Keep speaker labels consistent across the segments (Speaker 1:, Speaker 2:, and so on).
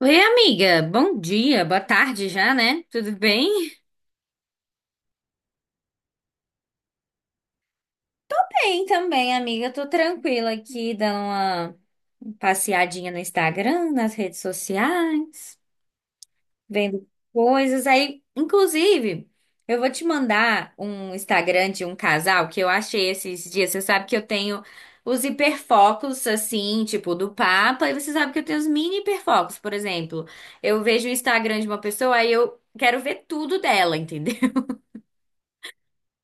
Speaker 1: Oi, amiga. Bom dia, boa tarde já, né? Tudo bem? Bem também, amiga. Tô tranquila aqui, dando uma passeadinha no Instagram, nas redes sociais, vendo coisas. Aí, inclusive, eu vou te mandar um Instagram de um casal que eu achei esses dias. Você sabe que eu tenho os hiperfocos, assim, tipo, do Papa, e você sabe que eu tenho os mini hiperfocos, por exemplo. Eu vejo o Instagram de uma pessoa, aí eu quero ver tudo dela, entendeu?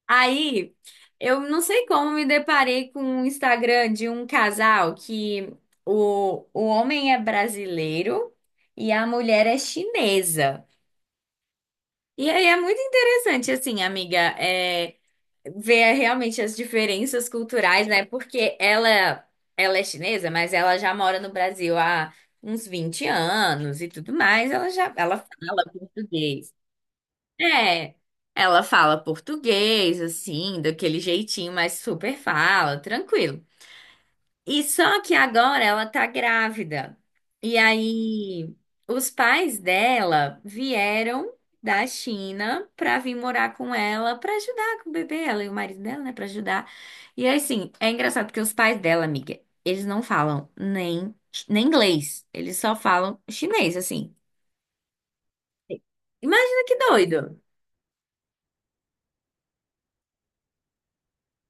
Speaker 1: Aí, eu não sei como me deparei com um Instagram de um casal que o homem é brasileiro e a mulher é chinesa. E aí é muito interessante, assim, amiga, ver realmente as diferenças culturais, né? Porque ela é chinesa, mas ela já mora no Brasil há uns 20 anos e tudo mais. Ela fala português. É, ela fala português, assim, daquele jeitinho, mas super fala, tranquilo. E só que agora ela tá grávida. E aí, os pais dela vieram da China pra vir morar com ela, pra ajudar com o bebê, ela e o marido dela, né, pra ajudar. E aí, assim, é engraçado porque os pais dela, amiga, eles não falam nem inglês, eles só falam chinês, assim. Imagina que doido.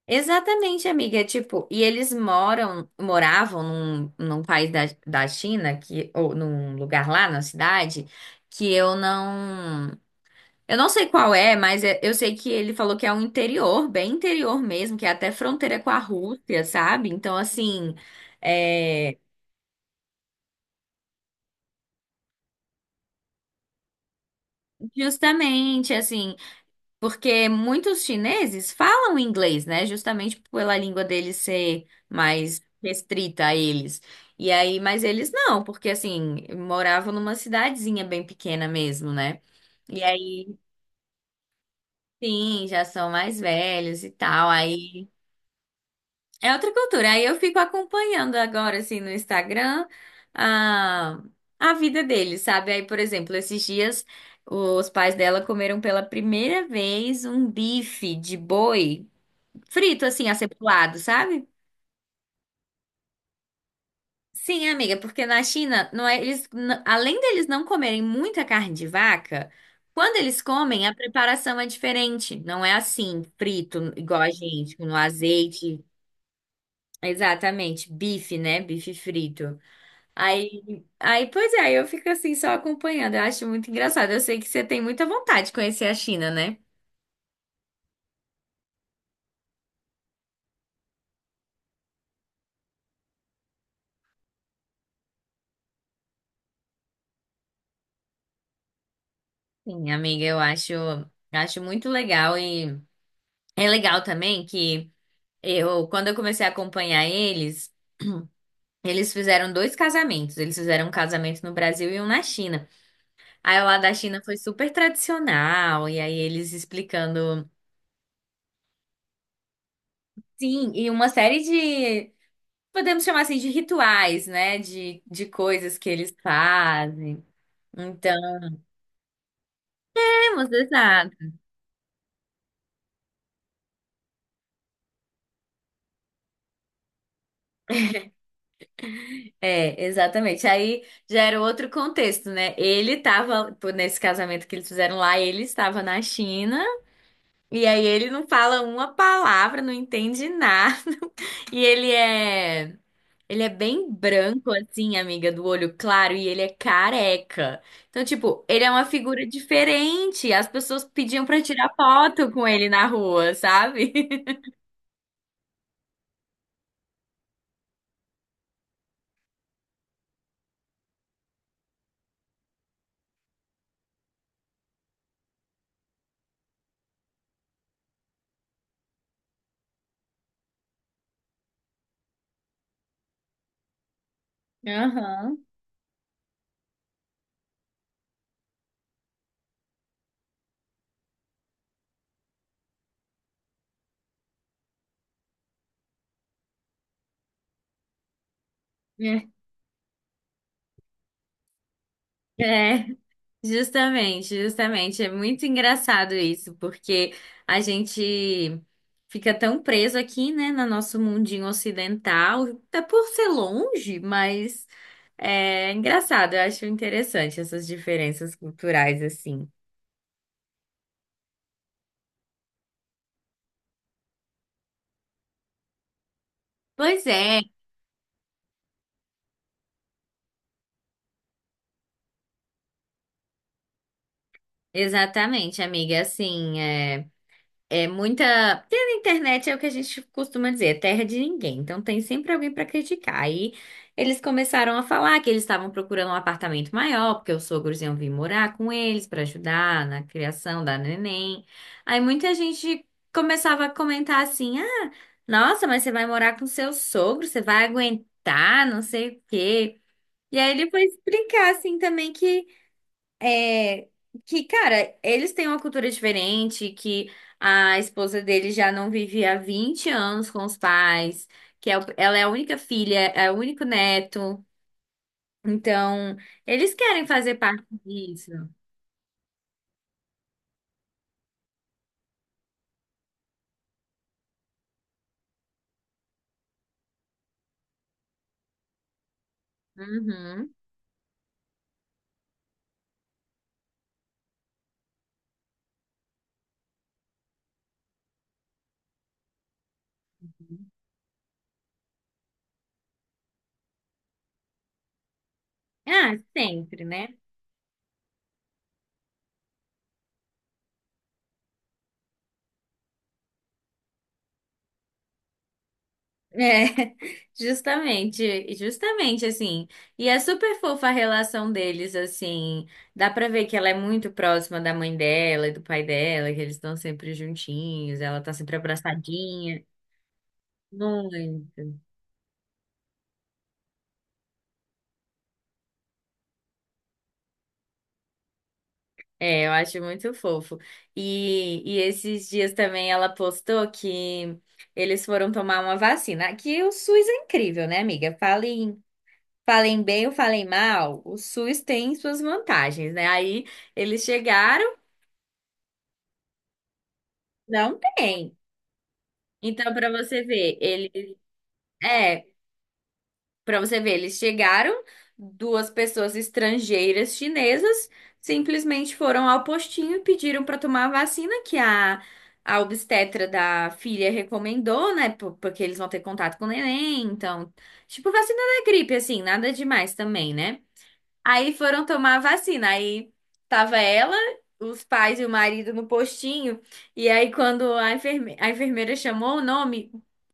Speaker 1: Exatamente, amiga. É. Tipo, e eles moram, moravam num país da China, que, ou num lugar lá na cidade, que eu não. Eu não sei qual é, mas eu sei que ele falou que é um interior, bem interior mesmo, que é até fronteira com a Rússia, sabe? Então, assim, é, justamente assim. Porque muitos chineses falam inglês, né? Justamente pela língua deles ser mais restrita a eles. E aí, mas eles não, porque assim, moravam numa cidadezinha bem pequena mesmo, né? E aí, sim, já são mais velhos e tal. Aí é outra cultura. Aí eu fico acompanhando agora, assim, no Instagram, a, a vida deles, sabe? Aí, por exemplo, esses dias os pais dela comeram pela primeira vez um bife de boi, frito, assim, acepulado, sabe? Sim, amiga, porque na China, não é, eles, além deles não comerem muita carne de vaca, quando eles comem, a preparação é diferente. Não é assim, frito, igual a gente, no azeite. Exatamente, bife, né? Bife frito. Aí, aí, pois é, aí eu fico assim só acompanhando. Eu acho muito engraçado. Eu sei que você tem muita vontade de conhecer a China, né? Sim, amiga, eu acho muito legal e é legal também que quando eu comecei a acompanhar eles, eles fizeram dois casamentos. Eles fizeram um casamento no Brasil e um na China. Aí o lá da China foi super tradicional, e aí eles explicando. Sim, e uma série de, podemos chamar assim, de rituais, né? De coisas que eles fazem. Então, temos, exato. É, exatamente. Aí já era outro contexto, né? Ele estava, nesse casamento que eles fizeram lá, ele estava na China. E aí ele não fala uma palavra, não entende nada. E ele é bem branco assim, amiga, do olho claro e ele é careca. Então, tipo, ele é uma figura diferente. As pessoas pediam pra tirar foto com ele na rua, sabe? Aham. É. É. Justamente, justamente. É muito engraçado isso, porque a gente fica tão preso aqui, né, no nosso mundinho ocidental, até por ser longe, mas é engraçado. Eu acho interessante essas diferenças culturais, assim. Pois é, exatamente, amiga. Assim, é. É muita. Porque na internet é o que a gente costuma dizer, é terra de ninguém. Então tem sempre alguém para criticar. Aí eles começaram a falar que eles estavam procurando um apartamento maior, porque os sogros iam vir morar com eles para ajudar na criação da neném. Aí muita gente começava a comentar assim: ah, nossa, mas você vai morar com seu sogro, você vai aguentar, não sei o quê. E aí ele foi explicar assim também que. É, que, cara, eles têm uma cultura diferente, que a esposa dele já não vivia há 20 anos com os pais, que é ela é a única filha, é o único neto. Então, eles querem fazer parte disso. Uhum. Ah, sempre, né? É, justamente, justamente assim. E é super fofa a relação deles, assim. Dá pra ver que ela é muito próxima da mãe dela e do pai dela, que eles estão sempre juntinhos, ela tá sempre abraçadinha. Muito. É, eu acho muito fofo. E esses dias também ela postou que eles foram tomar uma vacina. Que o SUS é incrível, né, amiga? Falem, falem bem ou falem mal, o SUS tem suas vantagens, né? Aí eles chegaram. Não tem. Então, para você ver, é, para você ver, eles chegaram, duas pessoas estrangeiras chinesas simplesmente foram ao postinho e pediram para tomar a vacina que a obstetra da filha recomendou, né? Porque eles vão ter contato com o neném, então, tipo vacina da gripe assim, nada demais também, né? Aí foram tomar a vacina. Aí tava ela, os pais e o marido no postinho. E aí, quando a enfermeira chamou o nome,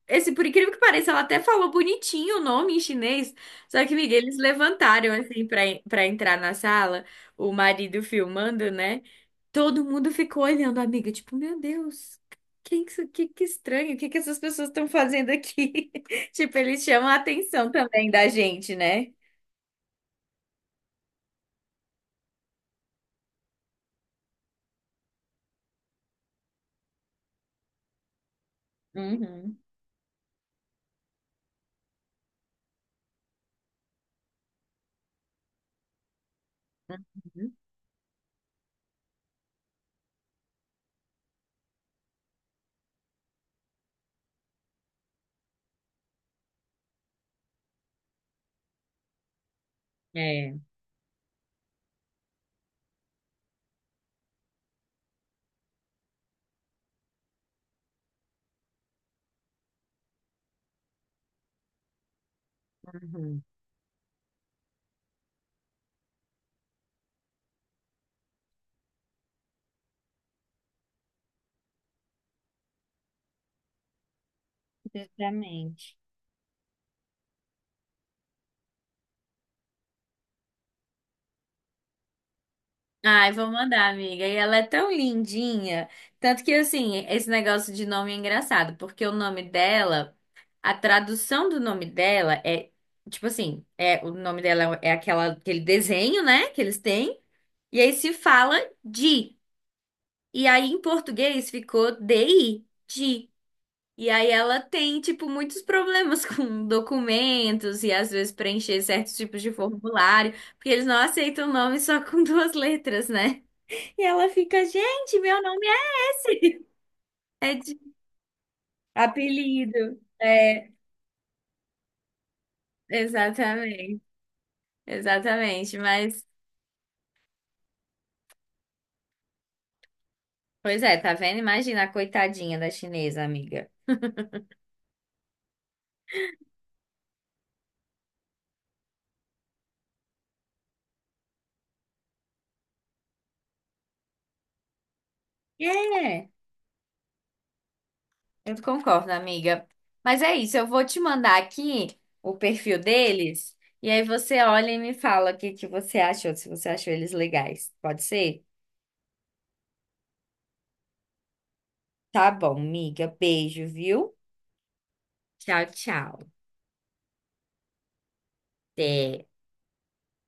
Speaker 1: esse, por incrível que pareça, ela até falou bonitinho o nome em chinês. Só que, Miguel, eles levantaram assim pra entrar na sala, o marido filmando, né? Todo mundo ficou olhando, amiga, tipo, meu Deus. Que estranho, o que essas pessoas estão fazendo aqui? Tipo, eles chamam a atenção também da gente, né? Uhum. É. Uhum. Sinceramente. Ai, vou mandar, amiga. E ela é tão lindinha. Tanto que, assim, esse negócio de nome é engraçado, porque o nome dela, a tradução do nome dela é, tipo assim, é, o nome dela é aquela, aquele desenho, né, que eles têm. E aí se fala de. E aí em português ficou DI. E aí ela tem, tipo, muitos problemas com documentos e às vezes preencher certos tipos de formulário, porque eles não aceitam o nome só com duas letras, né? E ela fica, gente, meu nome é esse. É de apelido. É, exatamente. Exatamente, mas pois é, tá vendo? Imagina a coitadinha da chinesa, amiga. É. Eu concordo, amiga. Mas é isso, eu vou te mandar aqui o perfil deles e aí você olha e me fala o que que você achou, se você achou eles legais. Pode ser? Tá bom, amiga. Beijo, viu? Tchau, tchau. Até.